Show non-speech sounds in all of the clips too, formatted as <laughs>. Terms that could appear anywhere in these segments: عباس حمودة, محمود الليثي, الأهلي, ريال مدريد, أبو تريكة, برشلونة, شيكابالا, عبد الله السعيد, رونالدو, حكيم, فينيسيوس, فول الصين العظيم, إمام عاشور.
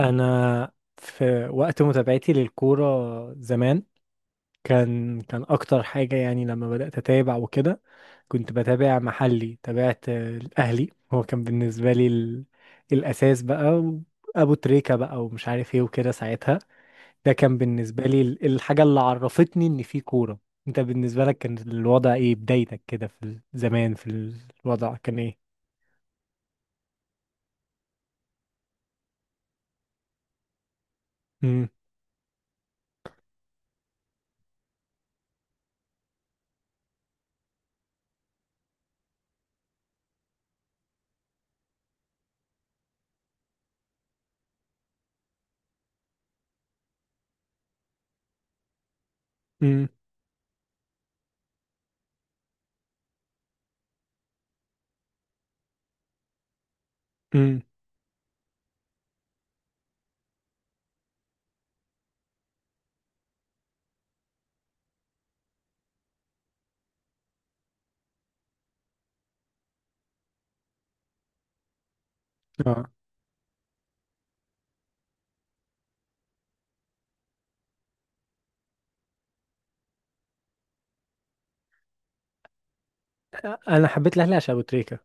انا في وقت متابعتي للكوره زمان كان اكتر حاجه، يعني لما بدات اتابع وكده كنت بتابع محلي. تابعت الاهلي، هو كان بالنسبه لي الاساس بقى. ابو تريكه بقى ومش عارف ايه وكده، ساعتها ده كان بالنسبه لي الحاجه اللي عرفتني ان في كوره. انت بالنسبه لك كان الوضع ايه؟ بدايتك كده في زمان، في الوضع كان ايه؟ امم. امم. امم. آه. انا حبيت الاهلي عشان ابو تريكة.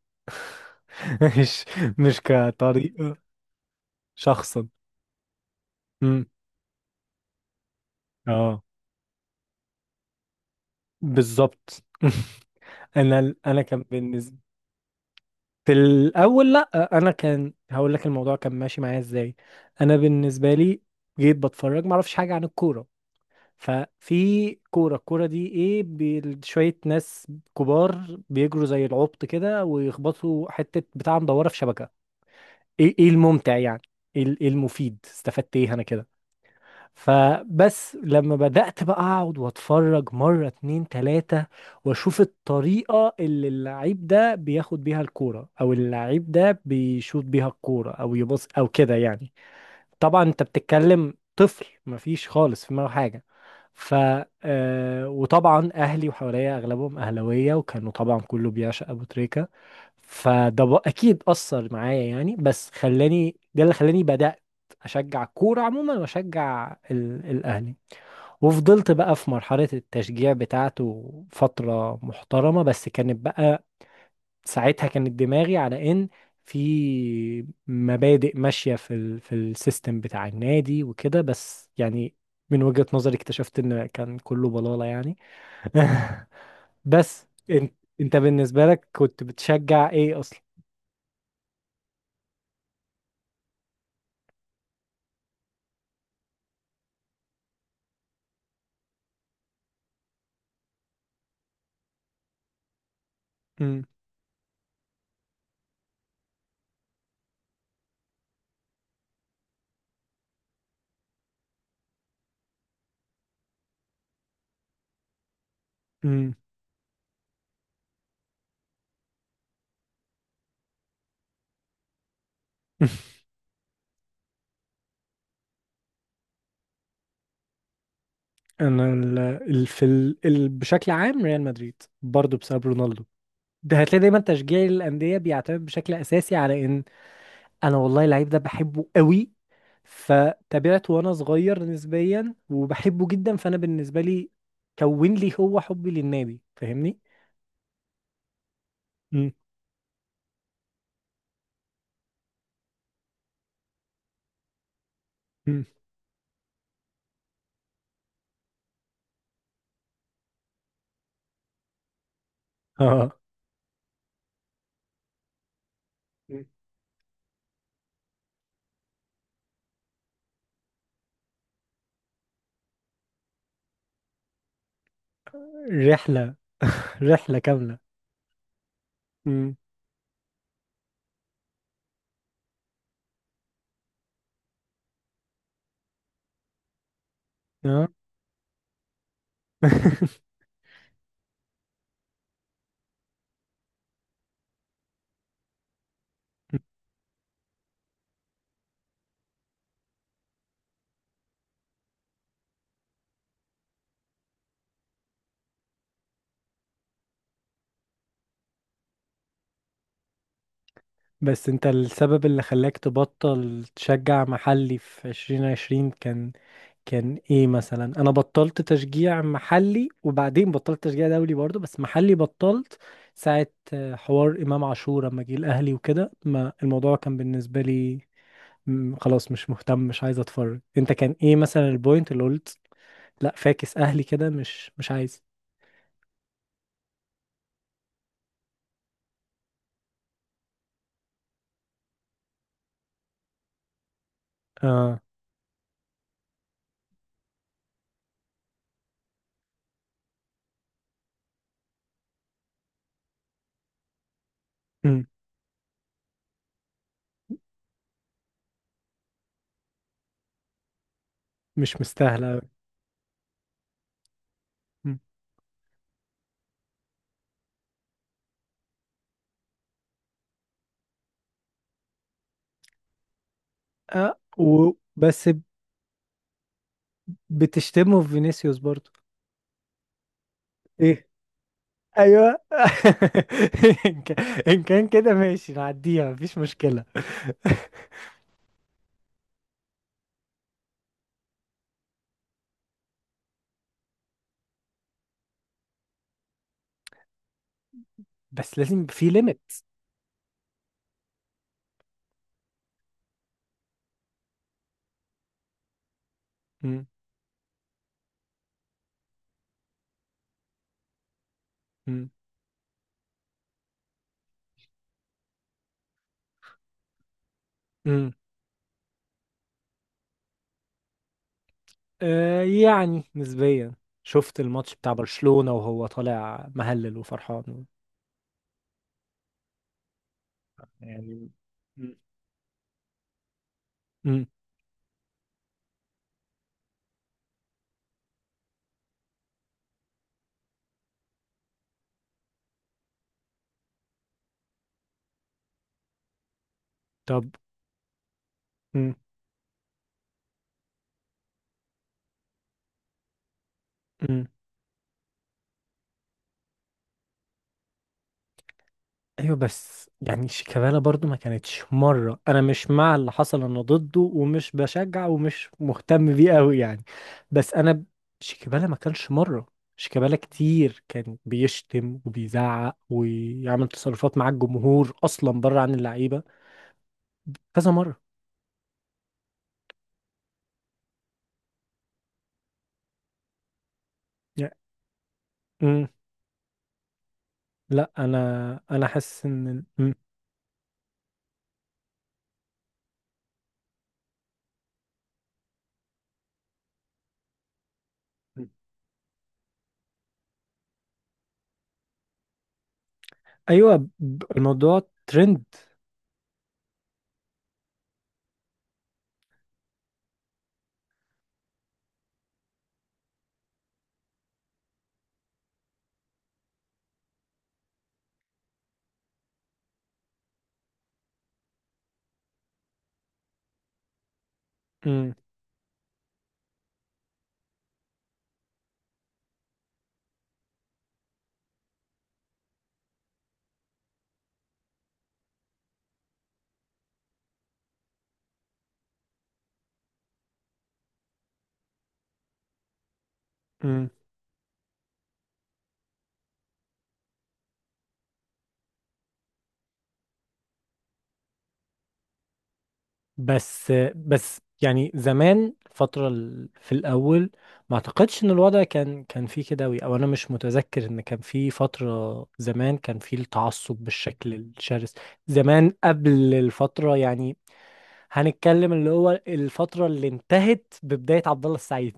<laughs> مش مش كطريقة، شخصا. امم. اه. بالظبط. <laughs> انا كان بالنسبه في الاول، لا، انا كان هقول لك الموضوع كان ماشي معايا ازاي. انا بالنسبه لي جيت بتفرج، ما اعرفش حاجه عن الكوره. ففي كوره، الكوره دي ايه؟ شويه ناس كبار بيجروا زي العبط كده ويخبطوا حته بتاع مدوره في شبكه. ايه الممتع يعني؟ إيه المفيد؟ استفدت ايه انا كده؟ فبس لما بدأت بقى أقعد وأتفرج مرة، اتنين، تلاتة، وأشوف الطريقة اللي اللعيب ده بياخد بيها الكورة، أو اللعيب ده بيشوط بيها الكورة، أو يبص، أو كده يعني. طبعا انت بتتكلم طفل، مفيش خالص في دماغه حاجه. ف آه، وطبعا اهلي وحواليا اغلبهم اهلاويه، وكانوا طبعا كله بيعشق ابو تريكه. فده اكيد اثر معايا يعني، بس خلاني، ده اللي خلاني بدات اشجع الكوره عموما، واشجع الاهلي. وفضلت بقى في مرحله التشجيع بتاعته فتره محترمه، بس كانت بقى ساعتها كانت دماغي على ان في مبادئ ماشية في في السيستم بتاع النادي وكده، بس يعني من وجهة نظري اكتشفت ان كان كله بلالة يعني. <laughs> بس انت بالنسبة لك كنت بتشجع ايه اصلا؟ امم. امم. <laughs> انا ال ال في ال ال بشكل عام ريال مدريد، برضو بسبب رونالدو. ده هتلاقي دايما تشجيع الانديه بيعتمد بشكل اساسي على ان انا والله اللعيب ده بحبه قوي، فتابعته وانا صغير نسبيا، وبحبه جدا، فانا بالنسبه لي كون لي هو حبي للنادي، فاهمني؟ مم. مم. اه. مم. رحله. <laughs> رحله كامله. مم. اه. <laughs> بس انت السبب اللي خلاك تبطل تشجع محلي في 2020، كان ايه مثلا؟ انا بطلت تشجيع محلي وبعدين بطلت تشجيع دولي برضو، بس محلي بطلت ساعة حوار امام عاشور لما جه الاهلي وكده. ما الموضوع كان بالنسبة لي خلاص، مش مهتم، مش عايز اتفرج. انت كان ايه مثلا البوينت اللي قلت لا، فاكس اهلي كده، مش عايز؟ اه. مم. مش مستاهلة أوي. مم. اه وبس. بتشتمه في فينيسيوس برضو؟ ايوه. <laughs> ان كان إن كان كده ماشي نعديها، مفيش مشكلة. <laughs> بس لازم يبقى في ليميت. مم. مم. مم. آه، يعني نسبيا، شفت الماتش بتاع برشلونة وهو طالع مهلل وفرحان يعني مم. مم. طب. مم. مم. ايوه، بس يعني شيكابالا برضو ما كانتش مره، انا مش مع اللي حصل، انا ضده ومش بشجع ومش مهتم بيه قوي يعني. بس انا شيكابالا ما كانش مره. شيكابالا كتير كان بيشتم وبيزعق ويعمل تصرفات مع الجمهور اصلا، بره عن اللعيبه، كذا مره يعني. مم، لا، انا حاسس ان ايوه، الموضوع ترند. بس يعني زمان فترة في الأول، ما أعتقدش إن الوضع كان فيه كده أوي، أو أنا مش متذكر إن كان فيه فترة زمان كان فيه التعصب بالشكل الشرس. زمان قبل الفترة يعني، هنتكلم اللي هو الفترة اللي انتهت ببداية عبد الله السعيد.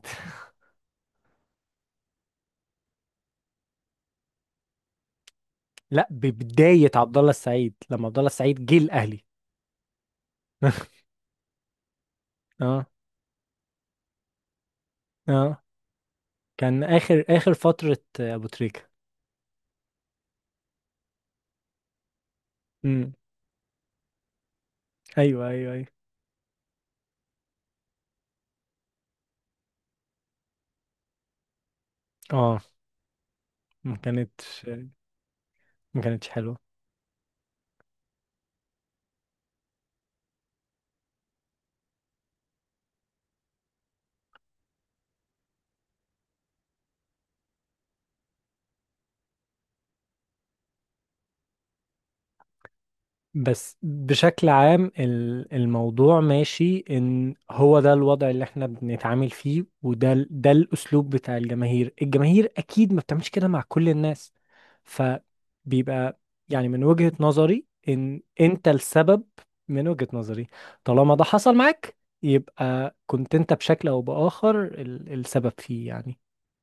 <laughs> لا، ببداية عبد الله السعيد لما عبد الله السعيد جه الأهلي. <laughs> اه، اه، كان آخر آخر فترة أبو تريكة. امم. أيوه، أيوه، أيوه. اه، كانت ما كانتش حلوة. بس بشكل عام الموضوع ماشي ان هو ده الوضع اللي احنا بنتعامل فيه، وده ال- ده الاسلوب بتاع الجماهير. الجماهير اكيد ما بتعملش كده مع كل الناس، فبيبقى يعني من وجهة نظري ان انت السبب. من وجهة نظري طالما ده حصل معاك، يبقى كنت انت بشكل او باخر السبب فيه يعني.